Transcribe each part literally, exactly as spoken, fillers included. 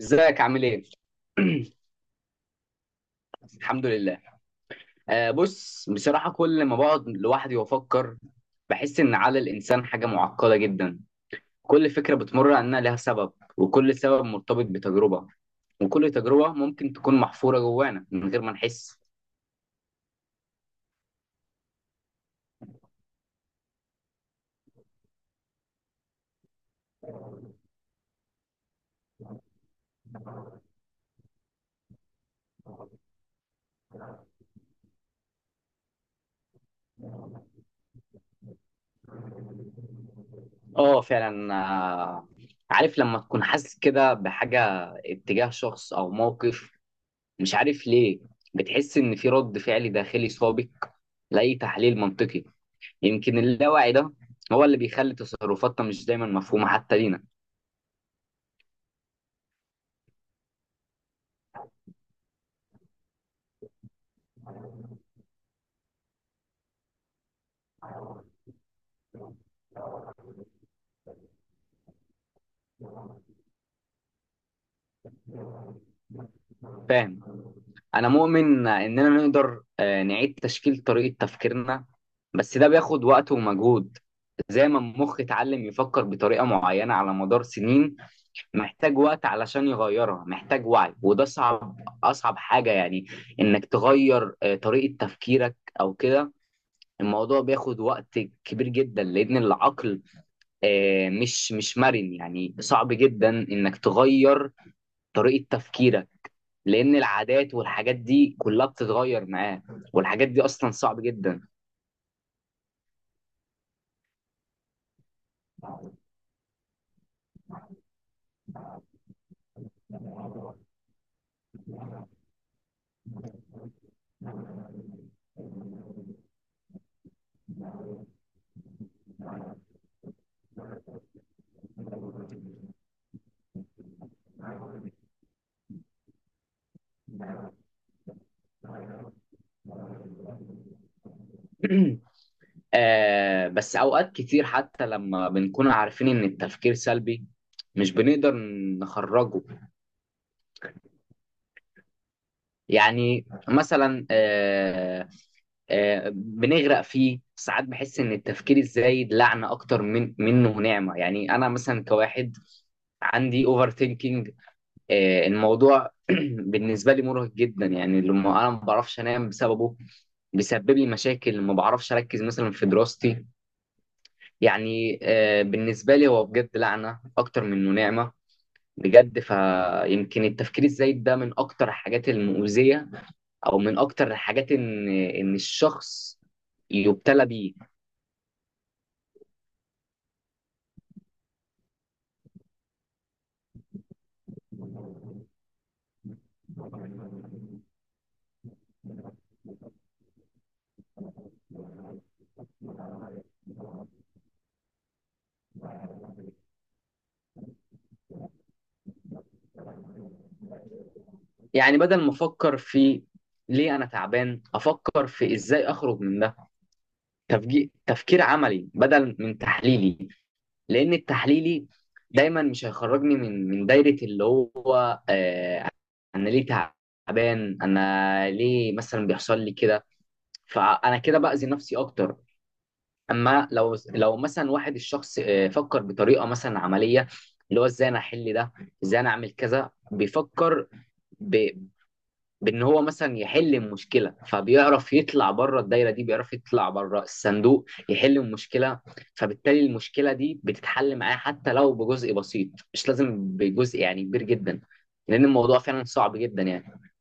ازيك عامل ايه؟ الحمد لله. آه بص، بصراحة كل ما بقعد لوحدي وافكر بحس ان عقل الانسان حاجة معقدة جدا. كل فكرة بتمر عنها لها سبب، وكل سبب مرتبط بتجربة، وكل تجربة ممكن تكون محفورة جوانا من غير ما نحس. اه، فعلا. آه عارف لما تكون حاسس كده بحاجة اتجاه شخص او موقف، مش عارف ليه، بتحس ان في رد فعل داخلي سابق لأي تحليل منطقي. يمكن اللاوعي ده هو اللي بيخلي تصرفاتنا مش دايما مفهومة حتى لينا. فاهم. أنا مؤمن إننا نقدر آه، نعيد تشكيل طريقة تفكيرنا. بس ده بياخد وقت ومجهود. زي ما المخ اتعلم يفكر بطريقة معينة على مدار سنين، محتاج وقت علشان يغيرها، محتاج وعي، وده صعب. أصعب حاجة يعني إنك تغير آه، طريقة تفكيرك أو كده. الموضوع بياخد وقت كبير جدا، لأن العقل آه، مش مش مرن، يعني صعب جدا انك تغير طريقة تفكيرك. لان العادات والحاجات دي كلها بتتغير معاه، والحاجات دي اصلا صعب جدا. آه بس اوقات كتير حتى لما بنكون عارفين ان التفكير سلبي، مش بنقدر نخرجه. يعني مثلا آه آه بنغرق فيه ساعات، بحس ان التفكير الزايد لعنة اكتر من منه نعمة، يعني انا مثلا كواحد عندي اوفر ثينكينج. آه، الموضوع بالنسبة لي مرهق جدا، يعني لما أنا ما بعرفش أنام بسببه. بيسبب لي مشاكل، ما بعرفش أركز مثلا في دراستي. يعني آه، بالنسبة لي هو بجد لعنة أكتر منه نعمة. بجد، فيمكن التفكير الزايد ده من أكتر الحاجات المؤذية، أو من أكتر الحاجات إن إن الشخص يبتلى بيه. يعني بدل ما أفكر في ليه أنا تعبان، أفكر في إزاي أخرج من ده. تفجي- تفكير عملي بدل من تحليلي. لان التحليلي دايما مش هيخرجني من من دايره، اللي هو انا ليه تعبان، انا ليه مثلا بيحصل لي كده. فانا كده باذي نفسي اكتر. اما لو لو مثلا واحد الشخص آه، فكر بطريقه مثلا عمليه، اللي هو ازاي انا احل ده، ازاي انا اعمل كذا، بيفكر ب... بان هو مثلا يحل المشكله، فبيعرف يطلع بره الدايره دي، بيعرف يطلع بره الصندوق، يحل المشكله. فبالتالي المشكله دي بتتحل معاه حتى لو بجزء بسيط، مش لازم بجزء يعني كبير جدا، لان الموضوع فعلا صعب جدا يعني.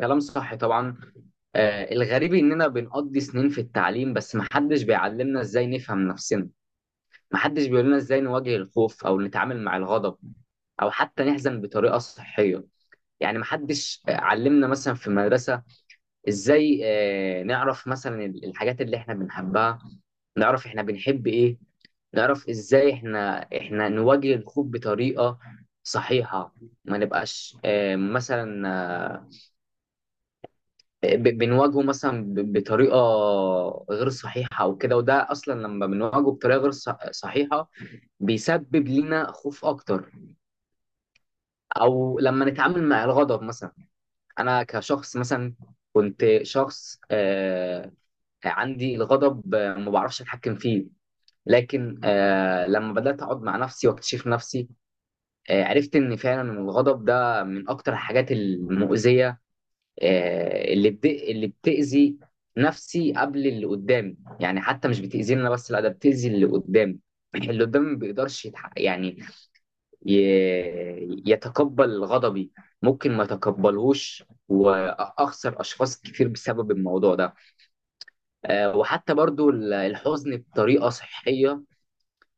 كلام صح طبعا. آه الغريب اننا بنقضي سنين في التعليم، بس محدش بيعلمنا ازاي نفهم نفسنا. محدش بيقول لنا ازاي نواجه الخوف او نتعامل مع الغضب، او حتى نحزن بطريقه صحيه. يعني محدش علمنا مثلا في المدرسه ازاي آه، نعرف مثلا ال- الحاجات اللي احنا بنحبها، نعرف احنا بنحب ايه، نعرف ازاي احنا احنا نواجه الخوف بطريقة صحيحة. ما نبقاش آه، مثلا آه، ب- بنواجهه مثلا ب- بطريقة غير صحيحة او كده، وده اصلا لما بنواجهه بطريقة غير ص- صحيحة بيسبب لنا خوف اكتر. او لما نتعامل مع الغضب مثلا، انا كشخص مثلا كنت شخص آه، عندي الغضب آه، ما بعرفش اتحكم فيه. لكن آه لما بدات اقعد مع نفسي واكتشف نفسي، آه عرفت ان فعلا الغضب ده من اكتر الحاجات المؤذيه، آه اللي بت... اللي بتاذي نفسي قبل اللي قدامي. يعني حتى مش بتاذيني انا بس، لا ده بتاذي اللي قدامي. اللي قدامي ما بيقدرش يتح... يعني ي... يتقبل غضبي. ممكن ما يتقبلهوش واخسر اشخاص كتير بسبب الموضوع ده. آه، وحتى برضو ال- الحزن بطريقة صحية،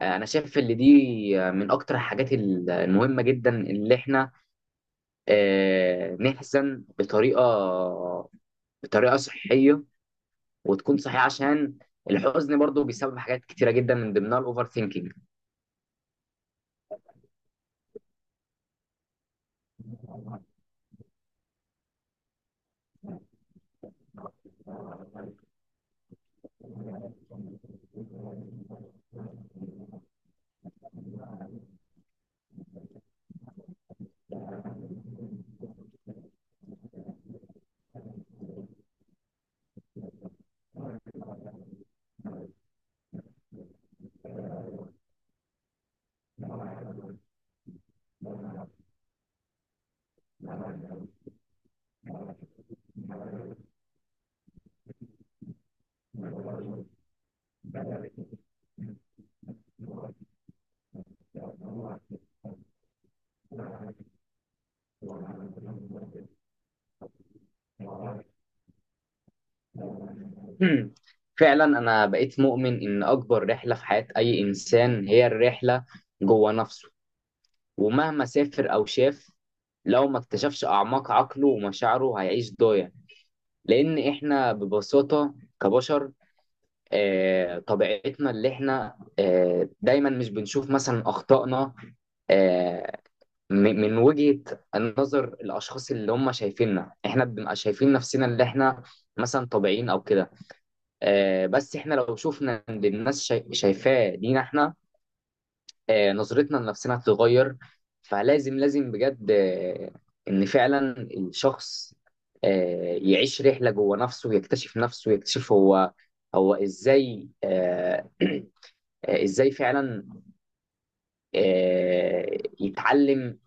آه، أنا شايف إن دي آه، من أكتر الحاجات ال- المهمة جدا اللي إحنا آه، نحزن بطريقة بطريقة صحية، وتكون صحية عشان الحزن برضو بيسبب حاجات كتيرة جدا، من ضمنها الأوفر ثينكينج. فعلا، أنا بقيت مؤمن إن أكبر رحلة في حياة أي إنسان هي الرحلة جوه نفسه. ومهما سافر أو شاف، لو ما اكتشفش أعماق عقله ومشاعره هيعيش ضايع. لان احنا ببساطه كبشر آه، طبيعتنا اللي احنا آه، دايما مش بنشوف مثلا اخطائنا. آه، م- من وجهه نظر الاشخاص اللي هم شايفيننا، احنا بنبقى شايفين نفسنا اللي احنا مثلا طبيعيين او كده. آه، بس احنا لو شفنا ان الناس شاي- شايفاه دينا احنا، آه، نظرتنا لنفسنا هتتغير. فلازم لازم بجد آه، ان فعلا الشخص آه، يعيش رحله جوه نفسه، يكتشف نفسه، يكتشف هو هو ازاي. آه، آه، ازاي فعلا آه، يتعلم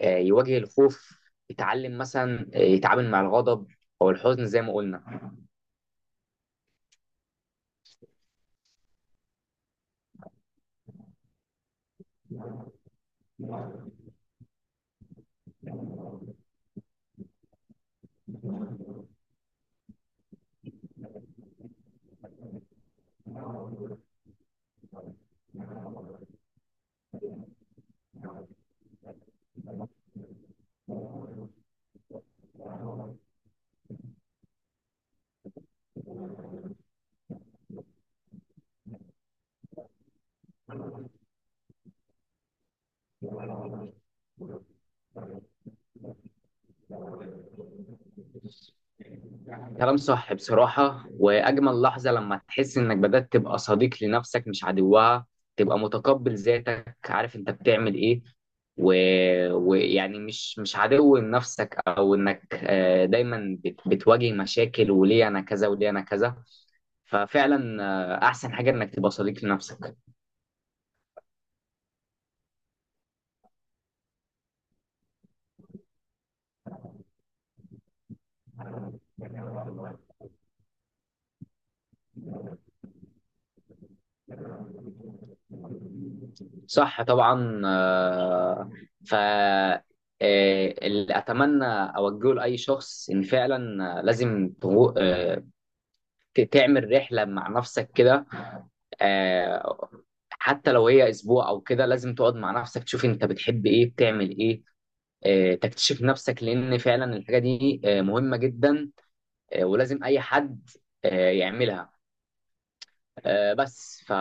آه، يواجه الخوف، يتعلم مثلا آه، يتعامل مع الغضب او الحزن زي ما قلنا. كلام صح بصراحة، وأجمل لحظة لما تحس إنك بدأت تبقى صديق لنفسك مش عدوها. تبقى متقبل ذاتك، عارف أنت بتعمل إيه و... ويعني مش مش عدو لنفسك، أو إنك آه، دايما بت... بتواجه مشاكل، وليه أنا كذا وليه أنا كذا. ففعلا، آه، أحسن حاجة إنك تبقى صديق لنفسك. صح طبعا، آه، ف آه، اللي أتمنى أوجهه لأي شخص إن فعلا آه، لازم تغو... آه، ت- تعمل رحلة مع نفسك كده. آه، حتى لو هي اسبوع او كده، لازم تقعد مع نفسك تشوف انت بتحب ايه بتعمل ايه. آه، تكتشف نفسك، لان فعلا الحاجة دي آه، مهمة جدا. آه، ولازم اي حد آه، يعملها. آه، بس ف